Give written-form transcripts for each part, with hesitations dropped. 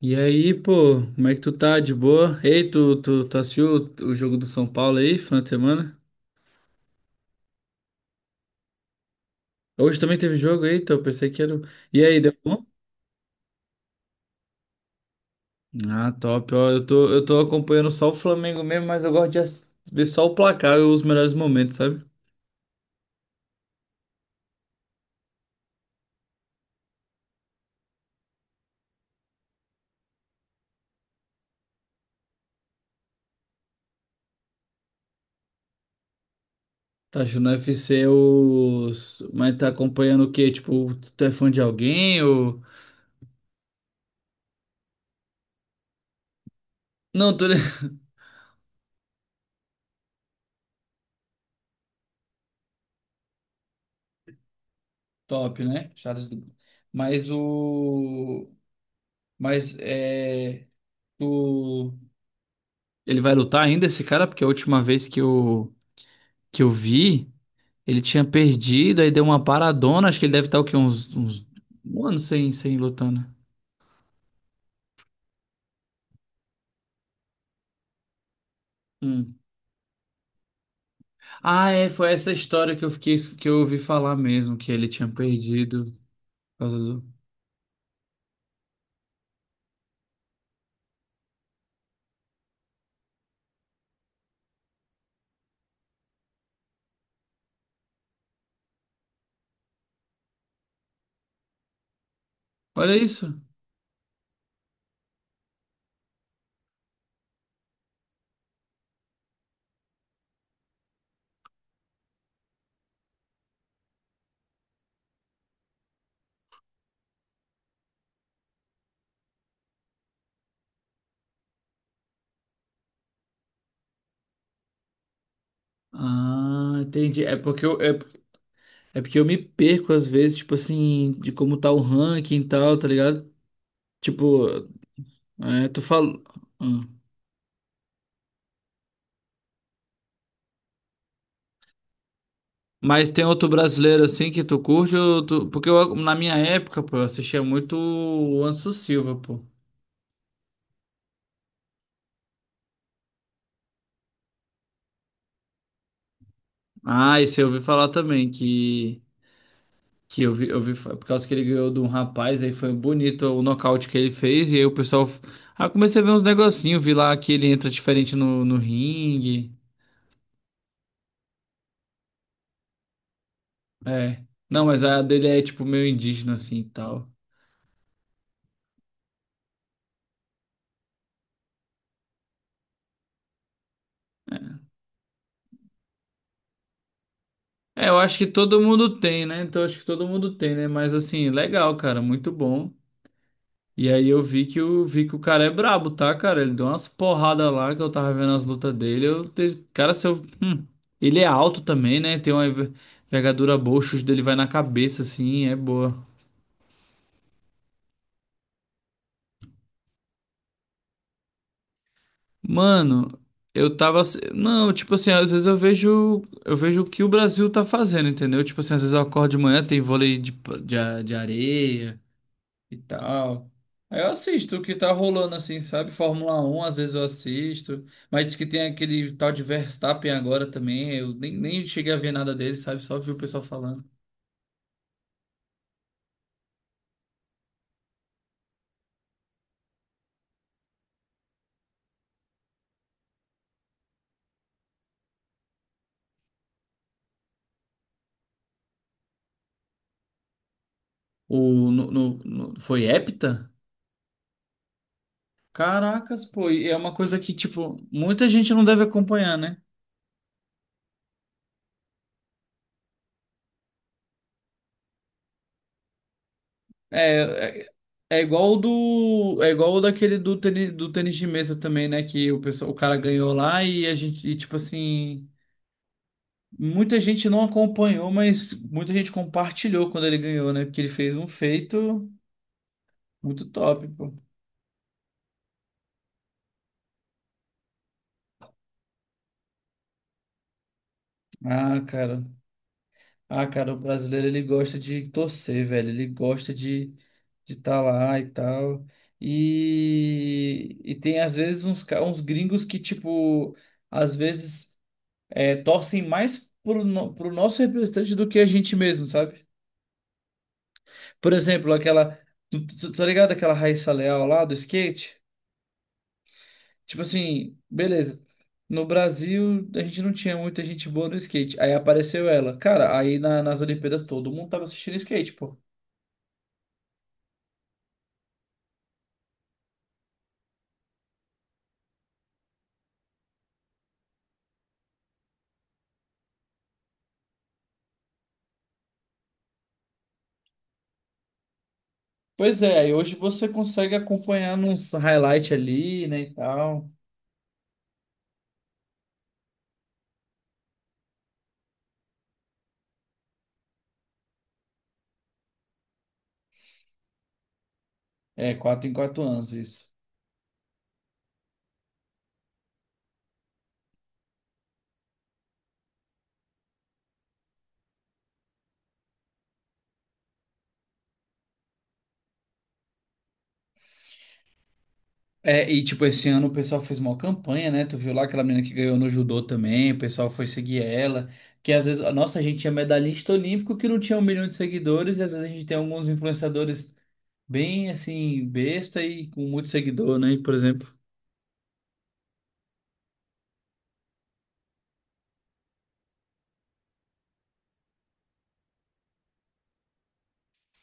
E aí, pô, como é que tu tá? De boa? Ei, tu assistiu o jogo do São Paulo aí, final de semana? Hoje também teve jogo, eita, eu pensei que era. E aí, deu bom? Ah, top, ó, eu tô acompanhando só o Flamengo mesmo, mas eu gosto de ver só o placar e os melhores momentos, sabe? Tá achando o UFC os... Mas tá acompanhando o quê? Tipo, tu é fã de alguém ou... Não, Top, né? Charles... Mas o... Mas é... Tu... Ele vai lutar ainda esse cara, porque a última vez que eu vi, ele tinha perdido, aí deu uma paradona. Acho que ele deve estar o quê? Uns um ano sem lutar, né? Hum. Ah, é, foi essa história que eu ouvi falar mesmo, que ele tinha perdido por causa do. Olha isso. Ah, entendi. É porque eu me perco às vezes, tipo assim, de como tá o ranking e tal, tá ligado? Tipo, é, tu falou. Hum. Mas tem outro brasileiro assim que tu curte? Ou porque eu, na minha época, pô, eu assistia muito o Anderson Silva, pô. Ah, esse eu ouvi falar também, que eu vi, por causa que ele ganhou de um rapaz, aí foi bonito o nocaute que ele fez, e aí o pessoal. Ah, eu comecei a ver uns negocinhos, vi lá que ele entra diferente no ringue. É. Não, mas a dele é tipo meio indígena assim e tal. É, eu acho que todo mundo tem, né? Então acho que todo mundo tem, né? Mas assim, legal, cara, muito bom. E aí eu vi que o cara é brabo, tá, cara? Ele deu umas porradas lá que eu tava vendo as lutas dele. Eu, te- cara, se eu, hum, ele é alto também, né? Tem uma envergadura boa, o chute dele vai na cabeça, assim, é boa. Mano, não, tipo assim, às vezes eu vejo. Eu vejo o que o Brasil tá fazendo, entendeu? Tipo assim, às vezes eu acordo de manhã, tem vôlei de, pa- de, a- de areia. E tal. Aí eu assisto o que tá rolando assim, sabe? Fórmula Um às vezes eu assisto. Mas diz que tem aquele tal de Verstappen agora também. Eu nem cheguei a ver nada dele, sabe? Só vi o pessoal falando. O, no, no- no- foi hepta? Caracas, pô, e é uma coisa que, tipo, muita gente não deve acompanhar, né? É, é, é igual é igual o daquele do tênis de mesa também, né? Que o pessoal, o cara ganhou lá tipo assim. Muita gente não acompanhou, mas muita gente compartilhou quando ele ganhou, né? Porque ele fez um feito muito top, pô. Ah, cara. Ah, cara, o brasileiro ele gosta de torcer, velho. Ele gosta de estar lá e tal. E tem às vezes uns gringos que, tipo, às vezes é, torcem mais pro, no- pro nosso representante do que a gente mesmo, sabe? Por exemplo, aquela. Tá ligado aquela Raíssa Leal lá do skate? Tipo assim, beleza. No Brasil, a gente não tinha muita gente boa no skate. Aí apareceu ela. Cara, aí nas Olimpíadas todo mundo tava assistindo skate, pô. Pois é, aí hoje você consegue acompanhar nos highlight ali, né, e tal. É, 4 em 4 anos isso. É, e tipo, esse ano o pessoal fez uma campanha, né? Tu viu lá aquela menina que ganhou no judô também, o pessoal foi seguir ela. Que às vezes, nossa, a gente tinha medalhista olímpico que não tinha um milhão de seguidores, e às vezes a gente tem alguns influenciadores bem assim, besta e com muito seguidor, né? Por exemplo.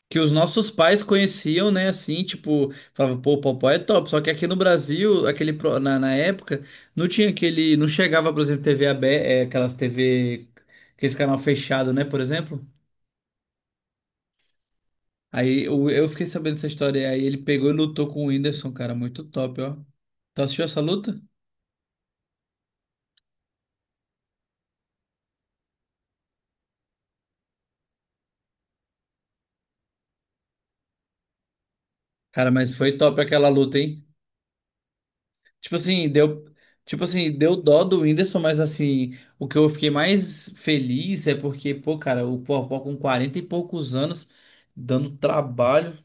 Que os nossos pais conheciam, né? Assim, tipo, falavam, pô, o Popó é top. Só que aqui no Brasil, aquele na época, não tinha aquele. Não chegava, por exemplo, TV aberta, aquelas TV, aquele canal fechado, né? Por exemplo. Eu fiquei sabendo dessa história. E aí ele pegou e lutou com o Whindersson, cara. Muito top, ó. Tu assistiu essa luta? Cara, mas foi top aquela luta, hein? Tipo assim, deu. Tipo assim, deu dó do Whindersson, mas assim, o que eu fiquei mais feliz é porque, pô, cara, o Popó com 40 e poucos anos, dando trabalho,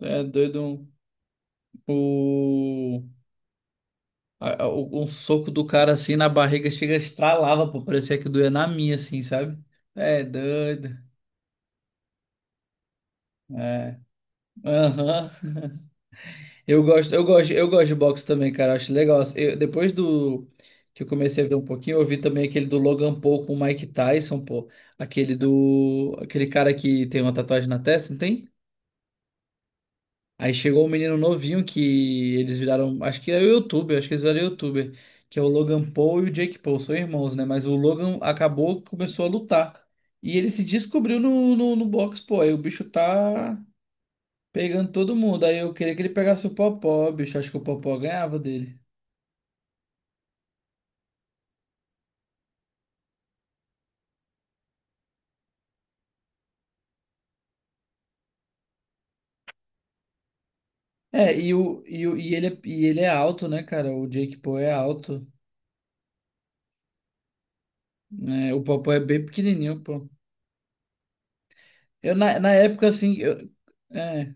é doido, um- o, a- o- um soco do cara assim na barriga chega, estralava, pô, parecia que doía na minha, assim, sabe? É doido. É. Aham. Eu gosto de boxe também, cara. Eu acho legal. Depois do que eu comecei a ver um pouquinho, eu vi também aquele do Logan Paul com o Mike Tyson, pô. Aquele cara que tem uma tatuagem na testa, não tem? Aí chegou um menino novinho que eles viraram, acho que eles eram youtuber, que é o Logan Paul e o Jake Paul, são irmãos, né? Mas o Logan acabou, que começou a lutar. E ele se descobriu no boxe, pô. Aí o bicho tá pegando todo mundo. Aí eu queria que ele pegasse o Popó, bicho. Acho que o Popó ganhava dele. É, e, o, e, o, e ele é alto, né, cara? O Jake Paul é alto. Né? O Paul é bem pequenininho, pô. Na época, assim, é,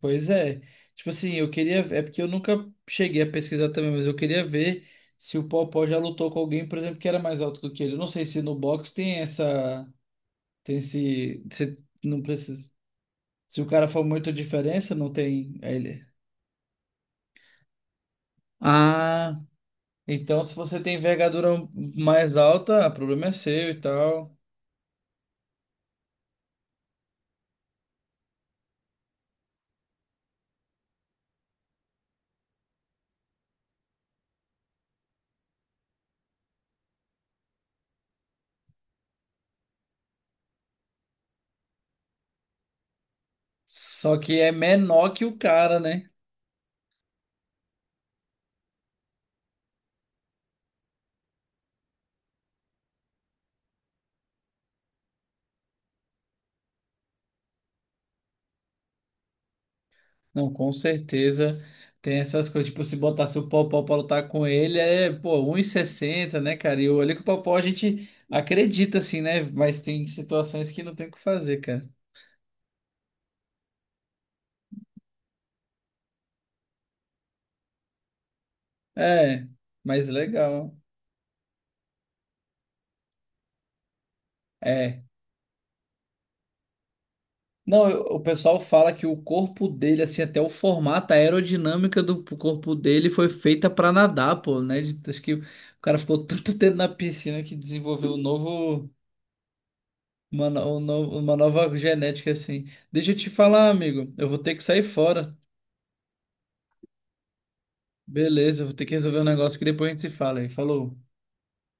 pois é. Tipo assim, eu queria. É porque eu nunca cheguei a pesquisar também, mas eu queria ver se o Paul já lutou com alguém, por exemplo, que era mais alto do que ele. Eu não sei se no boxe tem essa. Tem esse. Se, não precisa. Se o cara for muita diferença, não tem. Aí ele. Ah, então se você tem envergadura mais alta, ah, o problema é seu e tal. Só que é menor que o cara, né? Não, com certeza tem essas coisas. Tipo, se botasse o Popó pra lutar com ele, é, pô, um e sessenta, né, cara? E eu olhei que o Popó a gente acredita, assim, né? Mas tem situações que não tem o que fazer, cara. É, mas legal. É. Não, eu- o pessoal fala que o corpo dele, assim, até o formato, a aerodinâmica do corpo dele foi feita pra nadar, pô, né? De- acho que o cara ficou tanto tempo na piscina que desenvolveu um novo. Uma nova genética assim. Deixa eu te falar, amigo. Eu vou ter que sair fora. Beleza, eu vou ter que resolver um negócio que depois a gente se fala aí. Falou.